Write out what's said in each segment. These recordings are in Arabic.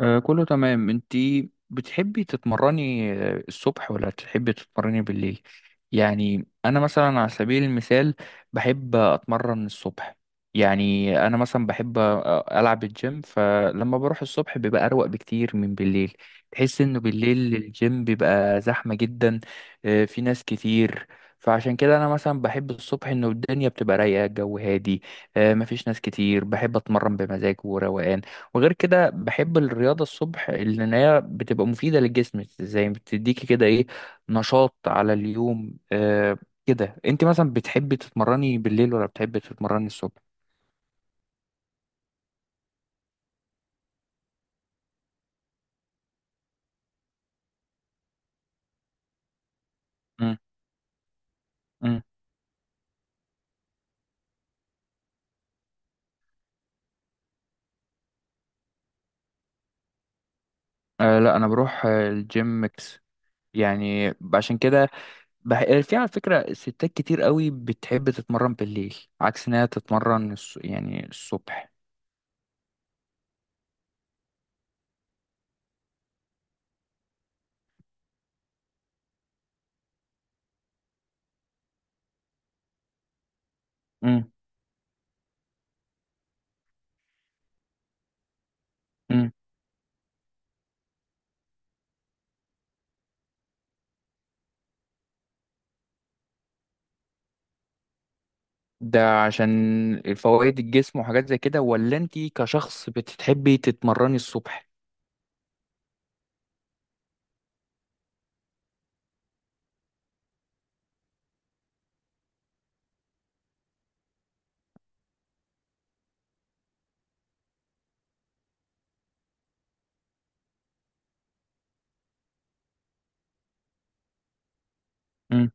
آه، كله تمام. انتي بتحبي تتمرني الصبح ولا تحبي تتمرني بالليل؟ يعني انا مثلا على سبيل المثال بحب اتمرن الصبح. يعني انا مثلا بحب العب الجيم، فلما بروح الصبح بيبقى اروق بكتير من بالليل. تحس انه بالليل الجيم بيبقى زحمة جدا. في ناس كتير. فعشان كده انا مثلا بحب الصبح، انه الدنيا بتبقى رايقة الجو هادي. مفيش ناس كتير، بحب اتمرن بمزاج وروقان. وغير كده بحب الرياضة الصبح لأن هي بتبقى مفيدة للجسم، زي بتديكي كده إيه، نشاط على اليوم كده أنت مثلا بتحبي تتمرني بالليل ولا بتحبي تتمرني الصبح؟ مم. مم. آه لا، أنا بروح الجيم ميكس. يعني عشان كده. بح... آه، في على فكرة ستات كتير قوي بتحب تتمرن بالليل عكس إنها تتمرن يعني الصبح. مم. مم. ده عشان فوائد الجسم وحاجات زي كده، ولا انت كشخص بتحبي تتمرني الصبح؟ امم.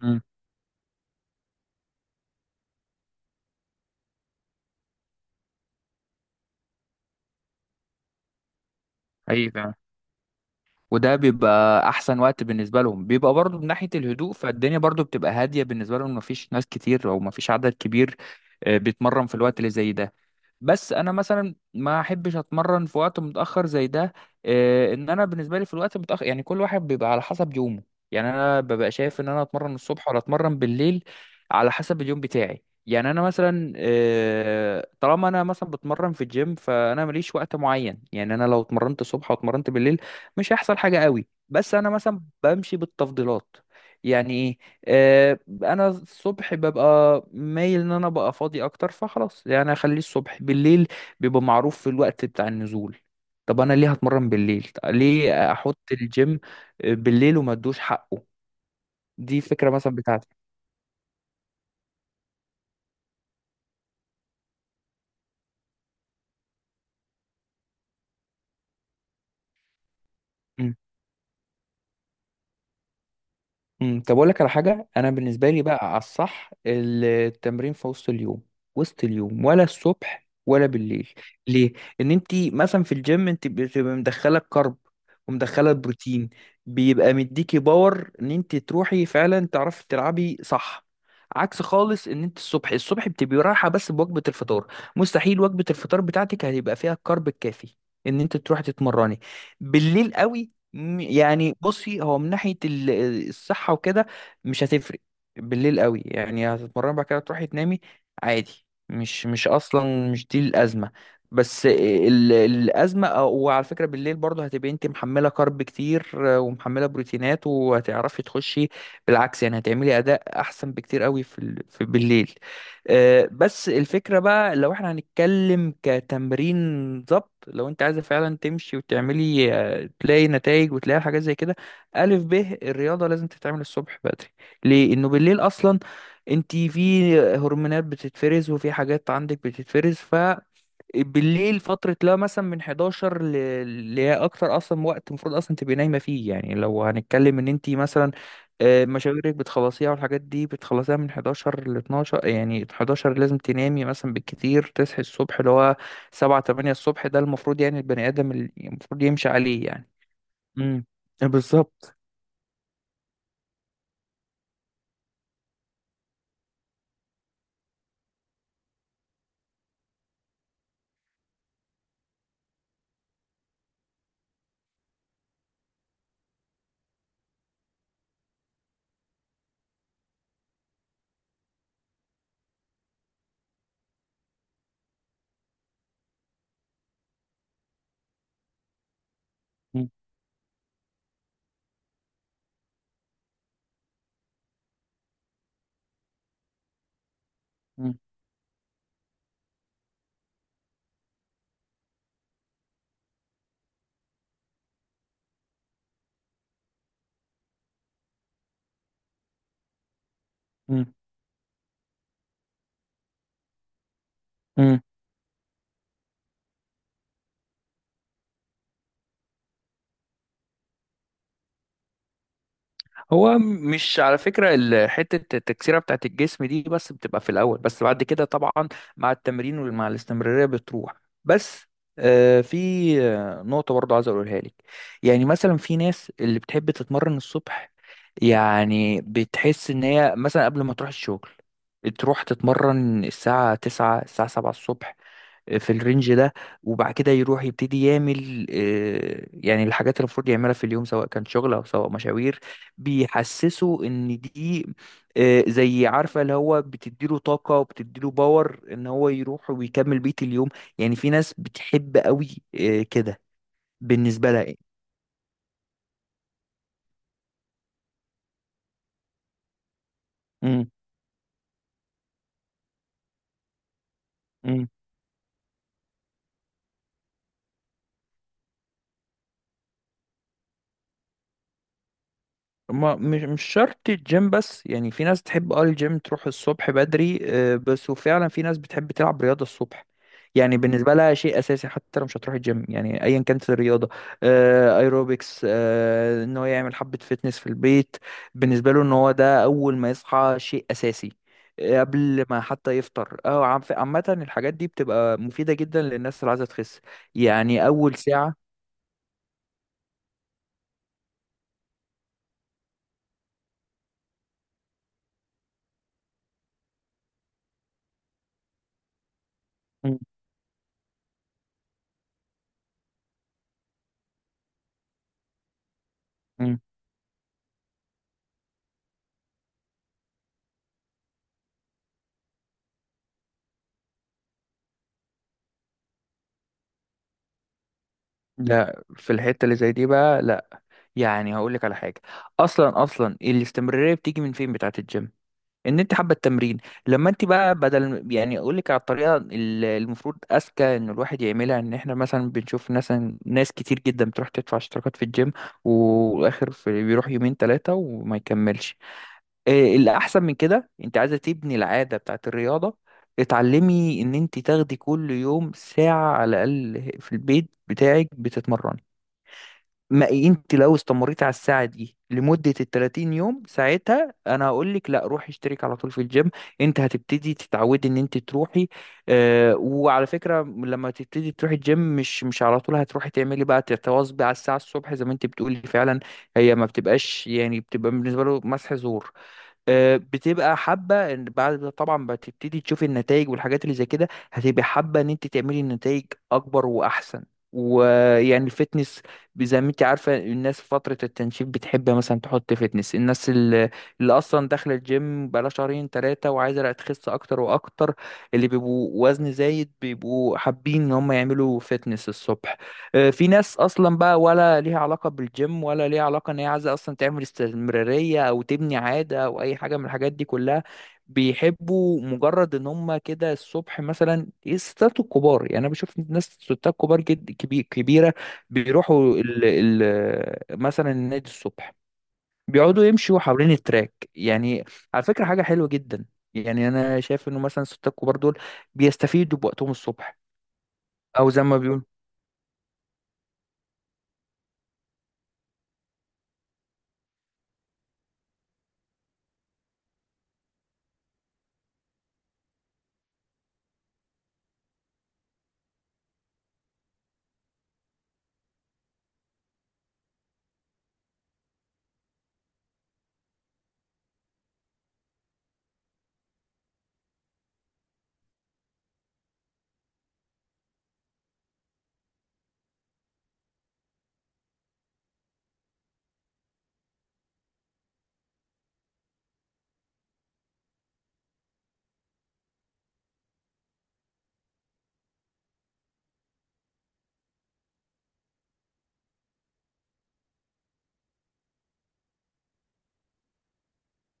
امم. اي فعلا. وده بيبقى احسن وقت بالنسبه لهم، بيبقى برضو من ناحيه الهدوء، فالدنيا برضو بتبقى هاديه بالنسبه لهم، مفيش ناس كتير او مفيش عدد كبير بيتمرن في الوقت اللي زي ده. بس انا مثلا ما احبش اتمرن في وقت متاخر زي ده. ان انا بالنسبه لي في الوقت المتاخر، يعني كل واحد بيبقى على حسب يومه. يعني انا ببقى شايف ان انا اتمرن الصبح ولا اتمرن بالليل على حسب اليوم بتاعي. يعني انا مثلا طالما انا مثلا بتمرن في الجيم فانا ماليش وقت معين. يعني انا لو اتمرنت الصبح واتمرنت بالليل مش هيحصل حاجه قوي، بس انا مثلا بمشي بالتفضيلات. يعني إيه؟ انا الصبح ببقى مايل ان انا ببقى فاضي اكتر، فخلاص يعني اخليه الصبح. بالليل بيبقى معروف في الوقت بتاع النزول. طب انا ليه هتمرن بالليل؟ طب ليه احط الجيم بالليل وما ادوش حقه؟ دي فكرة مثلا بتاعتي. طب اقول لك على حاجه، انا بالنسبه لي بقى على الصح التمرين في وسط اليوم. وسط اليوم ولا الصبح ولا بالليل؟ ليه؟ ان انت مثلا في الجيم انت بتبقى مدخله الكرب ومدخله البروتين، بيبقى مديكي باور ان انت تروحي فعلا تعرفي تلعبي صح. عكس خالص ان انت الصبح، الصبح بتبقي رايحه بس بوجبه الفطار. مستحيل وجبه الفطار بتاعتك هيبقى فيها الكرب الكافي ان انت تروحي تتمرني بالليل قوي. يعني بصي، هو من ناحية الصحة وكده مش هتفرق. بالليل قوي يعني هتتمرن بعد كده تروحي تنامي عادي، مش أصلا مش دي الأزمة. بس الأزمة وعلى فكرة بالليل برضه هتبقي أنت محملة كارب كتير ومحملة بروتينات وهتعرفي تخشي بالعكس. يعني هتعملي أداء أحسن بكتير قوي في بالليل. بس الفكرة بقى لو احنا هنتكلم كتمرين ضبط، لو انت عايزة فعلا تمشي وتعملي تلاقي نتائج وتلاقي حاجات زي كده، ألف ب الرياضة لازم تتعمل الصبح بدري. ليه؟ إنه بالليل أصلا انت في هرمونات بتتفرز وفي حاجات عندك بتتفرز بالليل، فترة لا مثلا من 11 اللي هي أكتر أصلا وقت المفروض أصلا تبقي نايمة فيه. يعني لو هنتكلم إن أنت مثلا مشاويرك بتخلصيها والحاجات دي بتخلصيها من 11 ل 12، يعني 11 لازم تنامي مثلا بالكتير، تصحي الصبح اللي هو 7 8 الصبح، ده المفروض يعني البني آدم اللي المفروض يمشي عليه. يعني امم. بالظبط. مم. مم. مم. هو مش على فكرة حتة التكسيرة بتاعت الجسم دي بس بتبقى في الأول، بس بعد كده طبعا مع التمرين ومع الاستمرارية بتروح. بس في نقطة برضو عايز أقولها لك. يعني مثلا في ناس اللي بتحب تتمرن الصبح، يعني بتحس إن هي مثلا قبل ما تروح الشغل تروح تتمرن الساعة 9 الساعة 7 الصبح، في الرينج ده، وبعد كده يروح يبتدي يعمل يعني الحاجات اللي المفروض يعملها في اليوم، سواء كان شغل او سواء مشاوير. بيحسسه ان دي زي عارفه اللي هو بتديله طاقه وبتديله باور ان هو يروح ويكمل بقيه اليوم. يعني في ناس بتحب قوي كده بالنسبه لها يعني. إمم، إمم. ما مش شرط الجيم بس، يعني في ناس تحب الجيم تروح الصبح بدري بس، وفعلا في ناس بتحب تلعب رياضة الصبح. يعني بالنسبة لها شيء أساسي حتى لو مش هتروح الجيم، يعني أيا كانت الرياضة، أيروبكس إن هو يعمل حبة فتنس في البيت، بالنسبة له إن هو ده أول ما يصحى شيء أساسي. قبل ما حتى يفطر، عامة الحاجات دي بتبقى مفيدة جدا للناس اللي عايزة تخس، يعني أول ساعة. مم. مم. لا، في الحتة اللي زي دي بقى لا. يعني هقول لك على حاجه، اصلا اصلا الاستمراريه بتيجي من فين بتاعه الجيم؟ ان انت حابه التمرين. لما انت بقى بدل، يعني اقول لك على الطريقه المفروض اذكى ان الواحد يعملها، ان احنا مثلا بنشوف ناس كتير جدا بتروح تدفع اشتراكات في الجيم، واخر في بيروح يومين ثلاثه وما يكملش. إيه الاحسن من كده؟ انت عايزه تبني العاده بتاعه الرياضه، اتعلمي ان انت تاخدي كل يوم ساعه على الاقل في البيت بتاعك بتتمرن. ما انت لو استمريت على الساعة دي لمدة ال 30 يوم، ساعتها انا هقول لك لا، روحي اشترك على طول في الجيم، انت هتبتدي تتعودي ان انت تروحي. اه، وعلى فكرة لما تبتدي تروحي الجيم مش على طول هتروحي تعملي بقى تتواظبي على الساعة الصبح زي ما انت بتقولي فعلا. هي ما بتبقاش يعني بتبقى بالنسبة له مسح زور. بتبقى حابه ان بعد ما طبعا بتبتدي تشوفي النتائج والحاجات اللي زي كده، هتبقى حابه ان انت تعملي نتائج اكبر واحسن. ويعني الفتنس زي ما انت عارفه، الناس في فتره التنشيف بتحب مثلا تحط فتنس، الناس اللي اصلا داخله الجيم بقالها شهرين ثلاثه وعايزه تخس اكتر واكتر، اللي بيبقوا وزن زايد بيبقوا حابين ان هم يعملوا فتنس الصبح. في ناس اصلا بقى ولا ليها علاقه بالجيم ولا ليها علاقه ان هي عايزه اصلا تعمل استمراريه او تبني عاده او اي حاجه من الحاجات دي كلها، بيحبوا مجرد ان هم كده الصبح. مثلا الستات الكبار، يعني انا بشوف ناس ستات كبار جد كبيره، بيروحوا ال ال مثلا النادي الصبح، بيقعدوا يمشوا حوالين التراك يعني. على فكره حاجه حلوه جدا، يعني انا شايف انه مثلا الستات الكبار دول بيستفيدوا بوقتهم الصبح، او زي ما بيقولوا.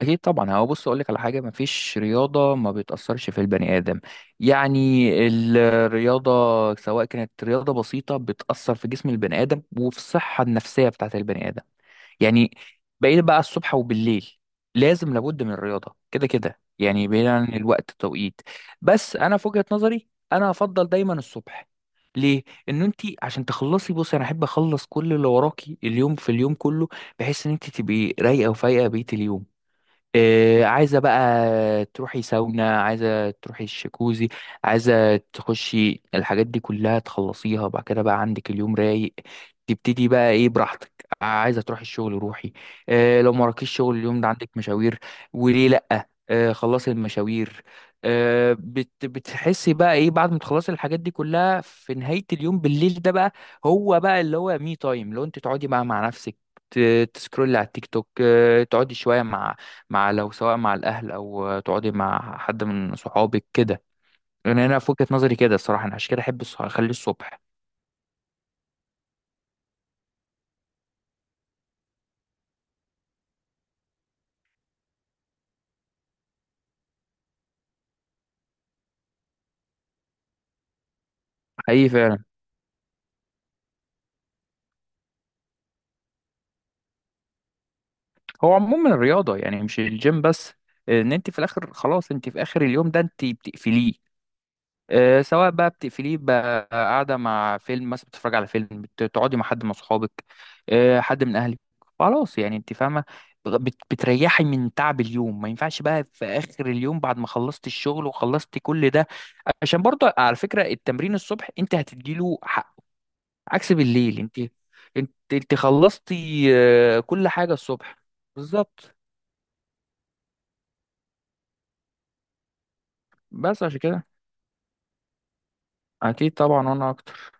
اكيد طبعا، هو بص اقول لك على حاجه، مفيش رياضه ما بتاثرش في البني ادم. يعني الرياضه سواء كانت رياضه بسيطه بتاثر في جسم البني ادم وفي الصحه النفسيه بتاعت البني ادم، يعني بقيت بقى الصبح وبالليل لازم لابد من الرياضه كده كده، يعني بعيد عن الوقت التوقيت. بس انا في وجهه نظري انا افضل دايما الصبح. ليه؟ ان انت عشان تخلصي، بصي انا احب اخلص كل اللي وراكي اليوم في اليوم كله، بحيث ان انت تبقي رايقه وفايقه بقيه اليوم. إيه، عايزة بقى تروحي ساونا، عايزة تروحي الشكوزي، عايزة تخشي الحاجات دي كلها، تخلصيها بعد كده بقى عندك اليوم رايق. تبتدي بقى ايه براحتك، عايزة تروحي الشغل روحي. إيه لو ما وراكيش شغل اليوم ده عندك مشاوير، وليه لأ؟ إيه، خلصي المشاوير. إيه بت بتحسي بقى ايه بعد ما تخلصي الحاجات دي كلها في نهاية اليوم؟ بالليل ده بقى هو بقى اللي هو مي تايم لو انت تقعدي بقى مع نفسك، تسكرولي على التيك توك، تقعدي شوية مع مع لو سواء مع الأهل أو تقعدي مع حد من صحابك كده. يعني أنا في وجهة نظري كده الصراحة، أنا عشان كده أحب أخليه الصبح. حقيقي فعلا. هو عموما الرياضة يعني مش الجيم بس، إن أنت في الآخر خلاص أنت في آخر اليوم ده أنت بتقفليه. سواء بقى بتقفليه بقى قاعدة مع فيلم، مثلا بتتفرج على فيلم، بتقعدي مع حد من أصحابك، حد من أهلك، خلاص يعني أنت فاهمة. بتريحي من تعب اليوم، ما ينفعش بقى في آخر اليوم بعد ما خلصت الشغل وخلصت كل ده. عشان برضه على فكرة التمرين الصبح أنت هتديله حق عكس بالليل. أنت خلصتي كل حاجة الصبح. بالظبط. بس عشان كده، أكيد طبعا وأنا أكتر.